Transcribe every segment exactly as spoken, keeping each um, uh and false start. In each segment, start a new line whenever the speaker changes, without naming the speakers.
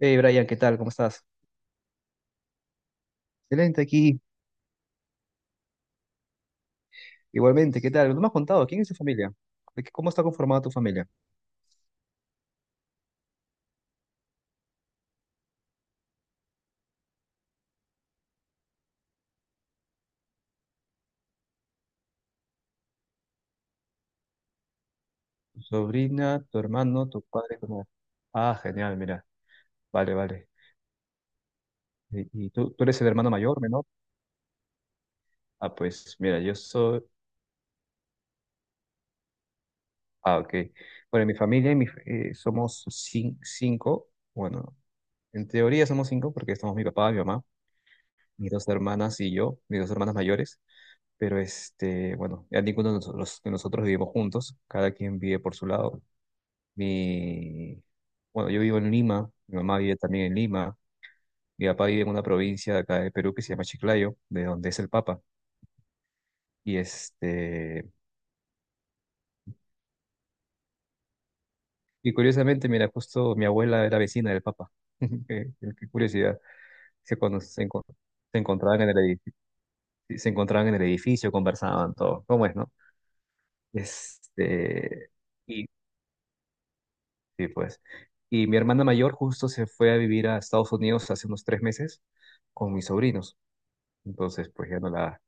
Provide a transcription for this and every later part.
Hey Brian, ¿qué tal? ¿Cómo estás? Excelente aquí. Igualmente, ¿qué tal? No me has contado, ¿quién es tu familia? ¿De qué- ¿Cómo está conformada tu familia? ¿Tu sobrina, tu hermano, tu padre, tu madre? Ah, genial, mira. Vale, vale. ¿Y, y tú, tú eres el hermano mayor, menor? Ah, pues mira, yo soy... Ah, ok. Bueno, en mi familia en mi eh, somos cin- cinco. Bueno, en teoría somos cinco porque estamos mi papá, mi mamá, mis dos hermanas y yo, mis dos hermanas mayores. Pero este, bueno, ya ninguno de nosotros, de nosotros vivimos juntos, cada quien vive por su lado. Mi, bueno, yo vivo en Lima, mi mamá vive también en Lima, mi papá vive en una provincia de acá de Perú que se llama Chiclayo, de donde es el Papa. Y este, y curiosamente, mira, justo mi abuela era vecina del Papa. Qué, qué curiosidad. Que cuando se, encon- se encontraban en el edificio, se encontraban en el edificio, conversaban todo. ¿Cómo es, no? Este, y sí, pues. Y mi hermana mayor justo se fue a vivir a Estados Unidos hace unos tres meses con mis sobrinos. Entonces, pues ya no la,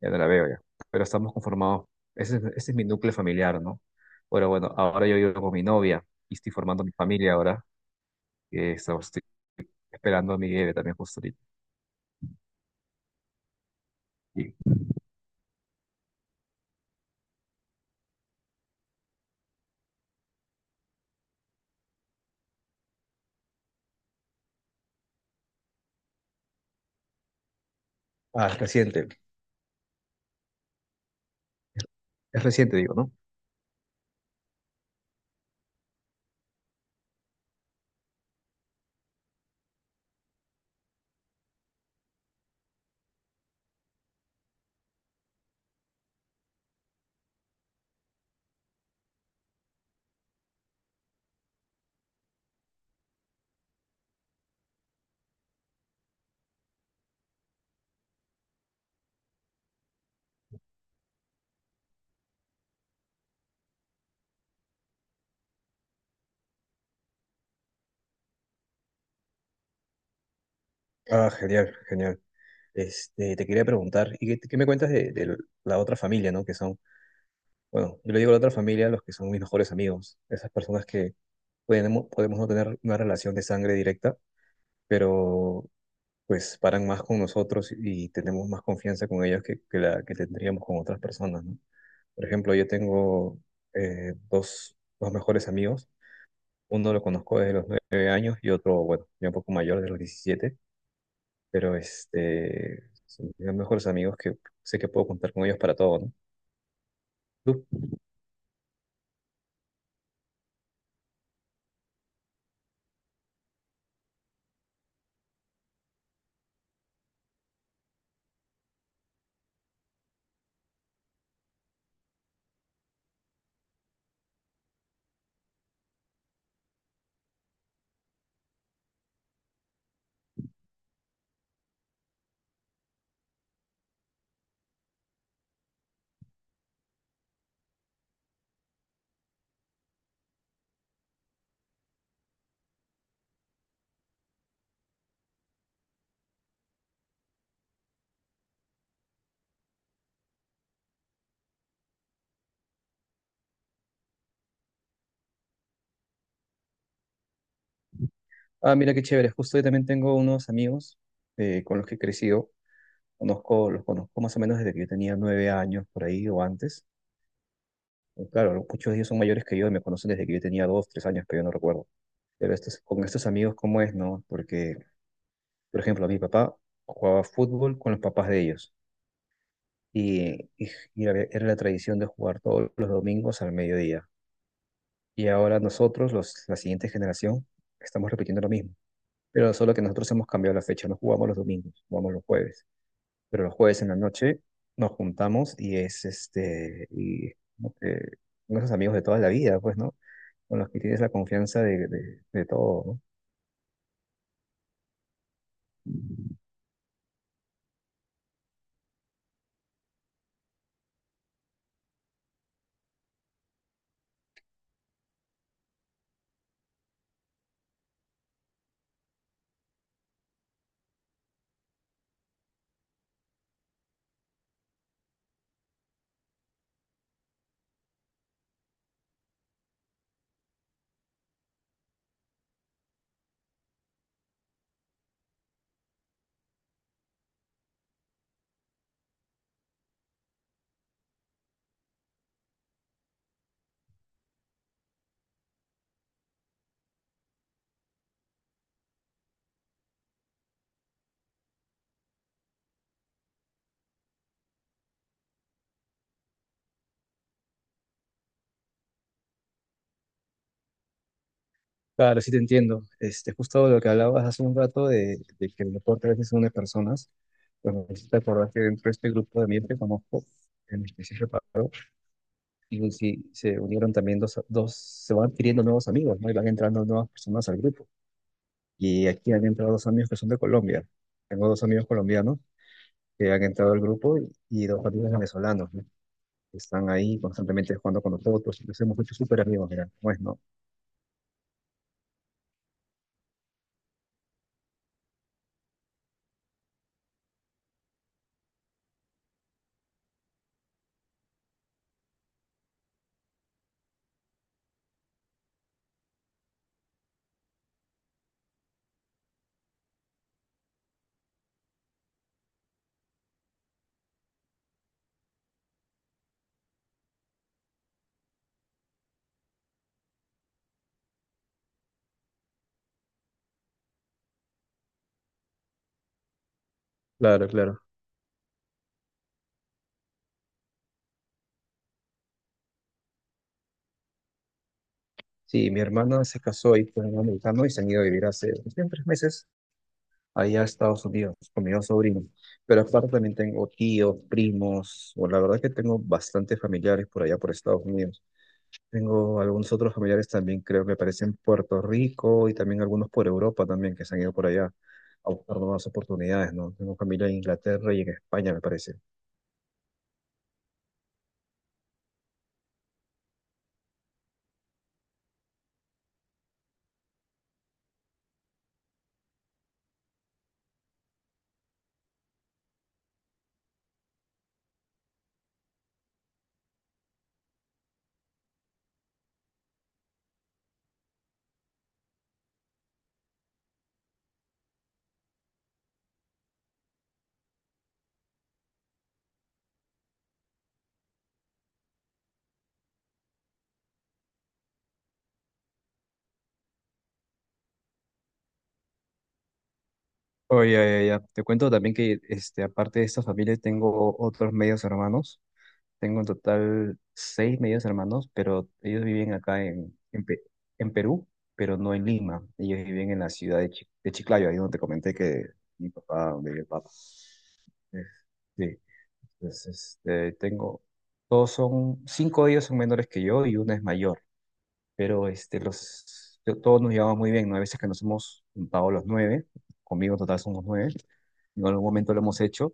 ya no la veo ya. Pero estamos conformados. Ese, es- ese es mi núcleo familiar, ¿no? Pero bueno, ahora yo vivo con mi novia y estoy formando mi familia ahora. Que estamos- estoy esperando a mi bebé también justo ahorita. Y- Ah, reciente. Es reciente, digo, ¿no? Ah, genial, genial. Este, te quería preguntar, ¿y qué, qué me cuentas de, de, la otra familia, ¿no? Que son, bueno, yo le digo a la otra familia, los que son mis mejores amigos, esas personas que podemos, podemos no tener una relación de sangre directa, pero pues paran más con nosotros y tenemos más confianza con ellos que, que la que tendríamos con otras personas, ¿no? Por ejemplo, yo tengo eh, dos, dos mejores amigos. Uno lo conozco desde los nueve años y otro, bueno, ya un poco mayor, de los diecisiete, pero este, son mis mejores amigos que sé que puedo contar con ellos para todo, ¿no? Tú. Ah, mira qué chévere. Justo yo también tengo unos amigos eh, con los que he crecido. Conozco, los conozco más o menos desde que yo tenía nueve años por ahí o antes. Pues claro, ¿no? Muchos de ellos son mayores que yo y me conocen desde que yo tenía dos, tres años, que yo no recuerdo. Pero estos, con estos amigos, ¿cómo es, no? Porque, por ejemplo, mi papá jugaba fútbol con los papás de ellos. Y, y- y era era la tradición de jugar todos los domingos al mediodía. Y ahora nosotros, los, la siguiente generación, estamos repitiendo lo mismo. Pero solo que nosotros hemos cambiado la fecha, no jugamos los domingos, jugamos los jueves. Pero los jueves en la noche nos juntamos y es este, y como que con esos amigos de toda la vida, pues, ¿no? Con los que tienes la confianza de, de, de, todo, ¿no? Claro, sí te entiendo. Este, justo lo que hablabas hace un rato de, de que el deporte a veces une personas, pues me hiciste acordar que dentro de este grupo de amigos que conozco, en el que sí reparo, y sí, se unieron también dos, dos, se van adquiriendo nuevos amigos, ¿no? Y van entrando nuevas personas al grupo. Y aquí han entrado dos amigos que son de Colombia. Tengo dos amigos colombianos que han entrado al grupo y, y dos amigos venezolanos, ¿no? Que están ahí constantemente jugando con nosotros, nos hemos hecho súper amigos, mira, ¿cómo es, no? Claro, claro. Sí, mi hermana se casó ahí con un americano y se han ido a vivir hace recién tres meses allá a Estados Unidos con mis dos sobrinos. Pero aparte también tengo tíos, primos, o la verdad que tengo bastantes familiares por allá por Estados Unidos. Tengo algunos otros familiares también, creo que aparecen en Puerto Rico y también algunos por Europa también que se han ido por allá a buscar nuevas oportunidades, ¿no? Tengo familia en Inglaterra y en España, me parece. Oye, ya, ya, ya. Te cuento también que este, aparte de esta familia, tengo otros medios hermanos. Tengo en total seis medios hermanos, pero ellos viven acá en, en, Pe- en Perú, pero no en Lima. Ellos viven en la ciudad de, Chi- de Chiclayo, ahí donde te comenté que mi papá, donde vive el papá. Es- Sí, entonces este, tengo, todos son, cinco de ellos son menores que yo y una es mayor, pero este, los, to- todos nos llevamos muy bien, ¿no? Hay veces que nos hemos juntado los nueve, conmigo en total somos nueve, en algún momento lo hemos hecho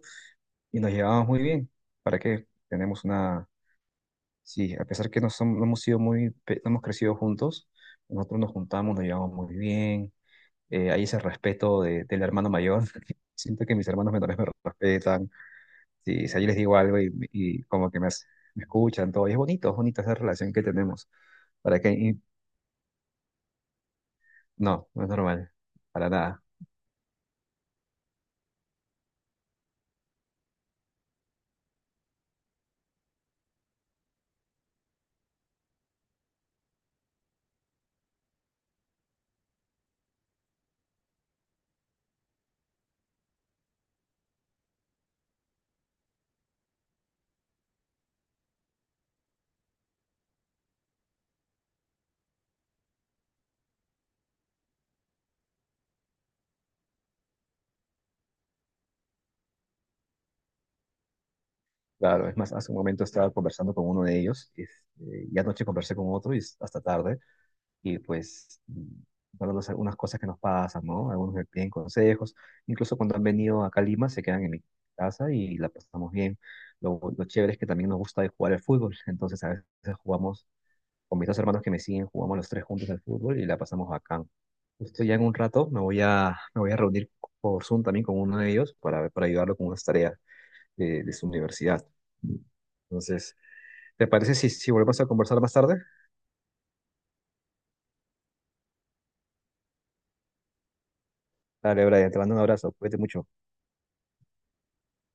y nos llevamos muy bien. ¿Para qué? Tenemos una... Sí, a pesar que no, som- no hemos sido muy, pe- no hemos crecido juntos, nosotros nos juntamos, nos llevamos muy bien, eh, hay ese respeto de- del hermano mayor. Siento que mis hermanos menores me respetan, sí, si, yo les digo algo y, y como que me, hace- me escuchan, todo, y es bonito, es bonita esa relación que tenemos, para que, y no, no es normal, para nada, claro, es más, hace un momento estaba conversando con uno de ellos, es- eh, y anoche conversé con otro y es hasta tarde, y pues nosotros algunas cosas que nos pasan, ¿no? Algunos me piden consejos, incluso cuando han venido acá a Lima se quedan en mi casa y la pasamos bien. Lo, lo chévere es que también nos gusta jugar al fútbol. Entonces a veces jugamos con mis dos hermanos que me siguen, jugamos los tres juntos al fútbol y la pasamos bacán. Justo ya en un rato me voy a, me voy a reunir por Zoom también con uno de ellos para, para, ayudarlo con unas tareas de, de su universidad. Entonces, ¿te parece si, si volvemos a conversar más tarde? Dale, Brian, te mando un abrazo, cuídate mucho.